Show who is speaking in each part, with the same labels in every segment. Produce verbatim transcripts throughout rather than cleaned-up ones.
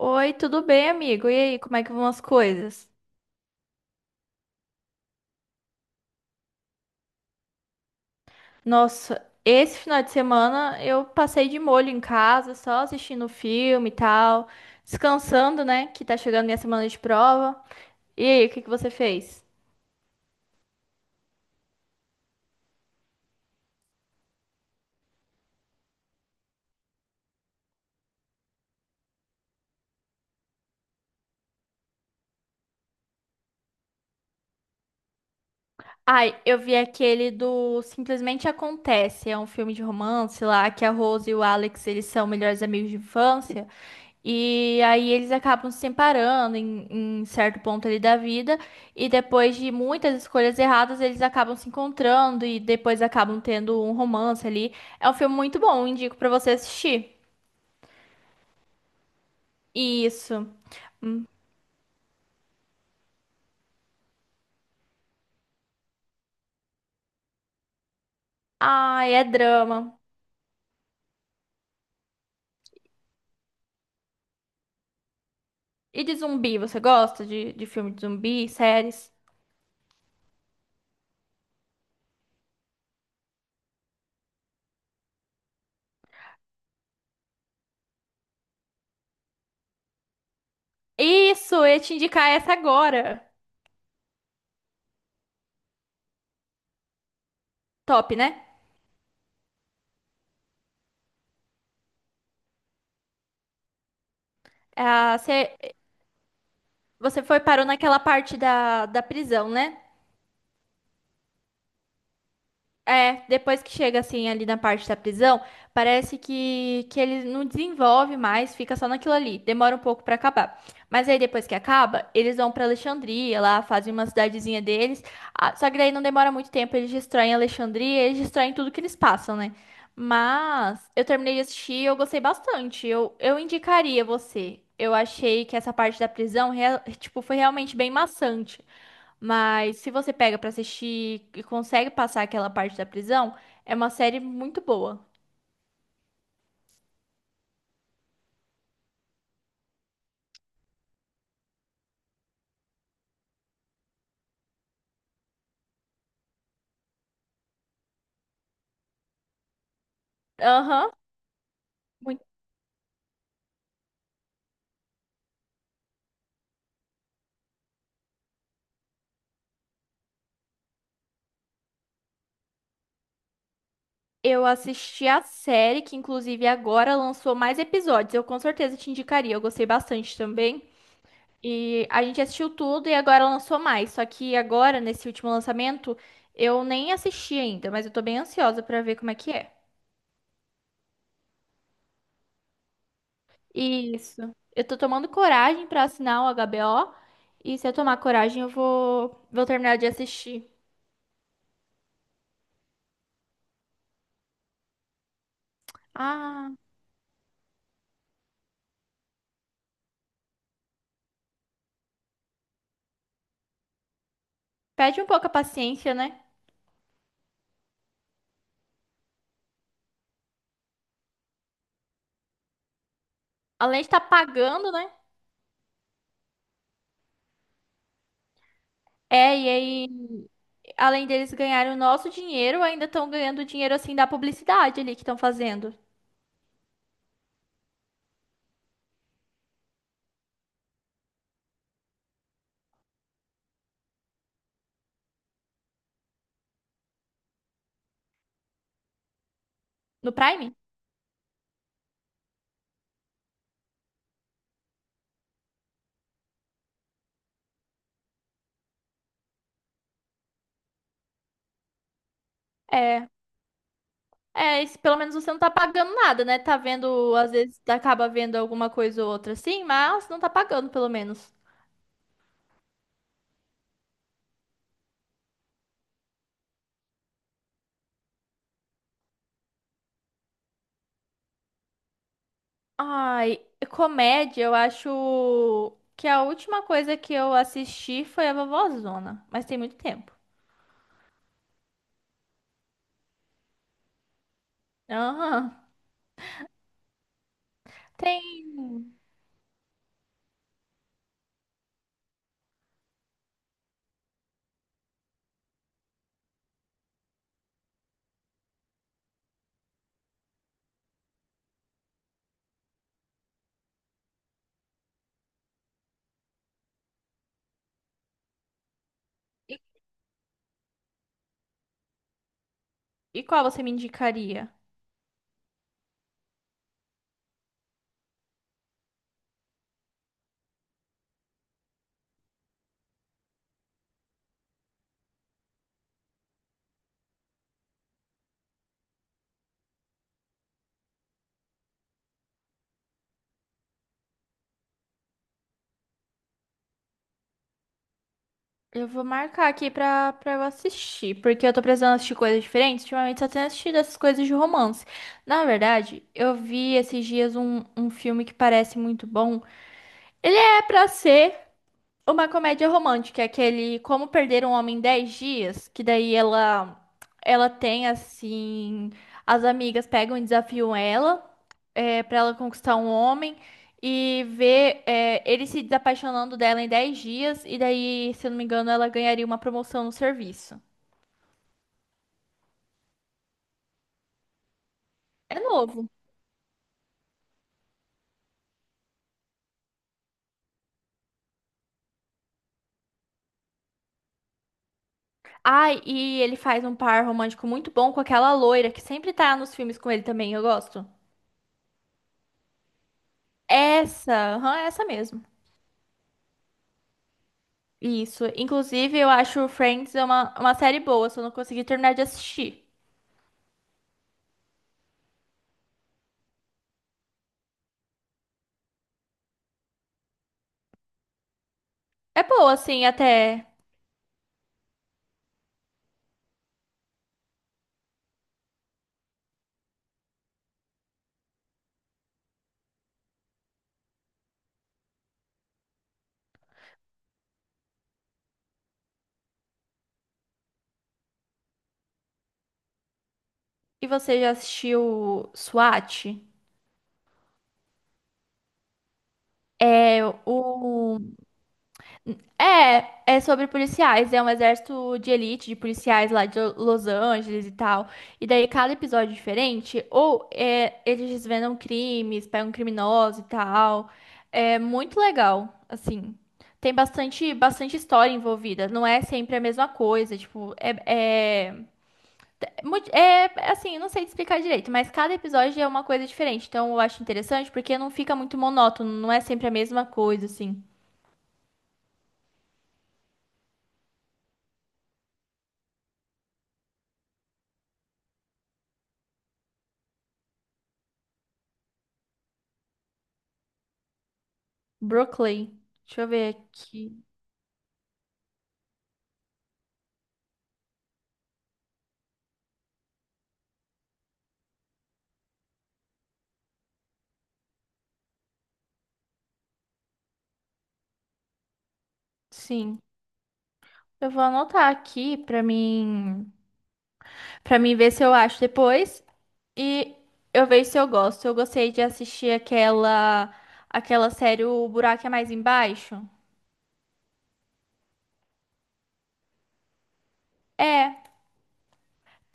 Speaker 1: Oi, tudo bem, amigo? E aí, como é que vão as coisas? Nossa, esse final de semana eu passei de molho em casa, só assistindo filme e tal, descansando, né? Que tá chegando minha semana de prova. E aí, o que que você fez? Ai, eu vi aquele do Simplesmente Acontece, é um filme de romance lá, que a Rose e o Alex, eles são melhores amigos de infância. E aí eles acabam se separando em, em certo ponto ali da vida, e depois de muitas escolhas erradas, eles acabam se encontrando e depois acabam tendo um romance ali. É um filme muito bom, indico pra você assistir. Isso. Ai, é drama. E de zumbi, você gosta de, de filme de zumbi, séries? Isso, eu ia te indicar essa agora. Top, né? Ah, você, você foi parou naquela parte da, da prisão, né? É, depois que chega assim ali na parte da prisão, parece que, que ele não desenvolve mais, fica só naquilo ali. Demora um pouco pra acabar. Mas aí depois que acaba, eles vão pra Alexandria, lá fazem uma cidadezinha deles. Ah, só que daí não demora muito tempo, eles destroem Alexandria, eles destroem tudo que eles passam, né? Mas eu terminei de assistir, e eu gostei bastante. Eu, eu indicaria você. Eu achei que essa parte da prisão, real- tipo, foi realmente bem maçante. Mas se você pega pra assistir e consegue passar aquela parte da prisão, é uma série muito boa. Aham. Muito. Eu assisti a série que inclusive agora lançou mais episódios. Eu com certeza te indicaria. Eu gostei bastante também. E a gente assistiu tudo e agora lançou mais. Só que agora nesse último lançamento eu nem assisti ainda, mas eu tô bem ansiosa pra ver como é que é. Isso. Eu tô tomando coragem pra assinar o H B O e se eu tomar coragem eu vou vou terminar de assistir. Ah, perde um pouco a paciência, né? Além de estar pagando, né? É, e aí, além deles ganharem o nosso dinheiro, ainda estão ganhando o dinheiro assim da publicidade ali que estão fazendo no Prime? É. É, esse- pelo menos você não tá pagando nada, né? Tá vendo, às vezes acaba vendo alguma coisa ou outra assim, mas não tá pagando pelo menos. Ai, comédia, eu acho que a última coisa que eu assisti foi a Vovozona, mas tem muito tempo. Aham. Tem. E e qual você me indicaria? Eu vou marcar aqui pra, pra eu assistir, porque eu tô precisando assistir coisas diferentes. Ultimamente só tenho assistido essas coisas de romance. Na verdade, eu vi esses dias um, um filme que parece muito bom. Ele é pra ser uma comédia romântica, aquele Como Perder um Homem em dez Dias, que daí ela, ela tem assim. As amigas pegam e desafiam ela para ela conquistar um homem e ver é, ele se desapaixonando dela em dez dias, e daí, se eu não me engano, ela ganharia uma promoção no serviço. É novo. Ai, e ele faz um par romântico muito bom com aquela loira que sempre tá nos filmes com ele também, eu gosto. Essa, aham, essa mesmo. Isso. Inclusive, eu acho Friends é uma, uma série boa, só não consegui terminar de assistir. É boa, assim, até. E você já assistiu SWAT? É o. É, é sobre policiais, é um exército de elite de policiais lá de Los Angeles e tal. E daí cada episódio é diferente, ou é, eles desvendam crimes, pegam criminosos e tal. É muito legal, assim. Tem bastante, bastante história envolvida, não é sempre a mesma coisa, tipo, é, é, mu- é, é assim, não sei te explicar direito, mas cada episódio é uma coisa diferente, então eu acho interessante porque não fica muito monótono, não é sempre a mesma coisa, assim. Brooklyn. Deixa eu ver aqui. Sim. Eu vou anotar aqui pra mim, para mim ver se eu acho depois e eu vejo se eu gosto. Eu gostei de assistir aquela aquela série O Buraco é Mais Embaixo. É,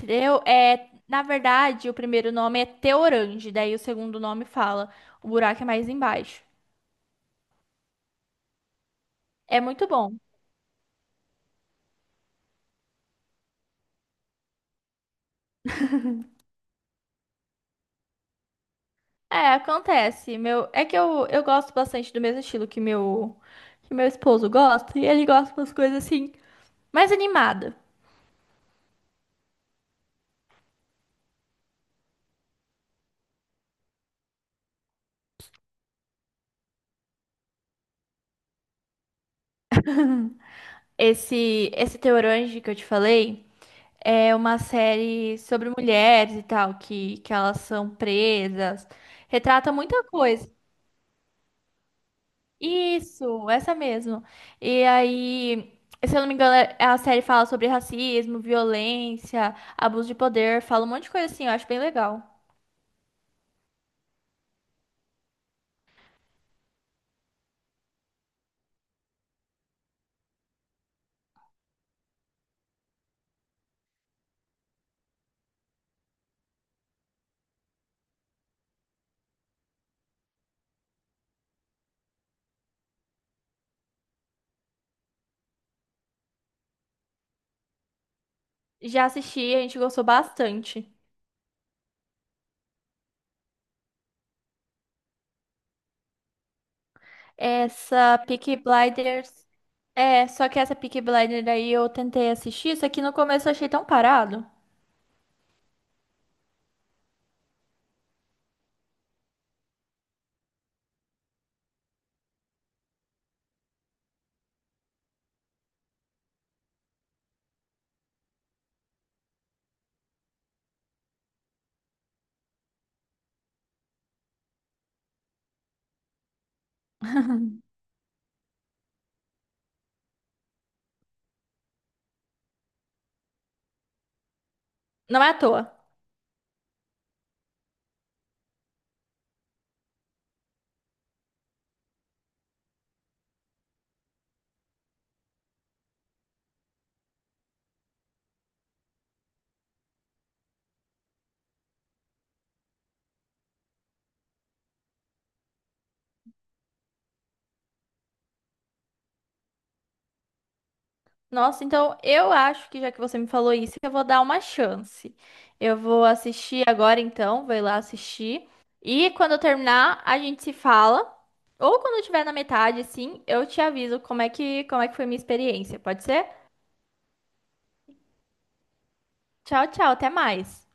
Speaker 1: eu é, na verdade, o primeiro nome é Teorange, daí o segundo nome fala O Buraco é Mais Embaixo. É muito bom. É, acontece. Meu, é que eu, eu gosto bastante do mesmo estilo que meu que meu esposo gosta, e ele gosta das coisas assim mais animada. Esse, esse The Orange que eu te falei é uma série sobre mulheres e tal, que, que elas são presas, retrata muita coisa. Isso, essa mesmo. E aí, se eu não me engano, é- a série fala sobre racismo, violência, abuso de poder, fala um monte de coisa assim, eu acho bem legal. Já assisti, a gente gostou bastante. Essa Peaky Blinders. É, só que essa Peaky Blinders aí eu tentei assistir, só que no começo eu achei tão parado. Não é à toa. Nossa, então eu acho que já que você me falou isso, eu vou dar uma chance. Eu vou assistir agora então, vou ir lá assistir. E quando eu terminar, a gente se fala. Ou quando eu tiver na metade, sim, eu te aviso como é que, como é que foi minha experiência. Pode ser? Tchau, tchau, até mais.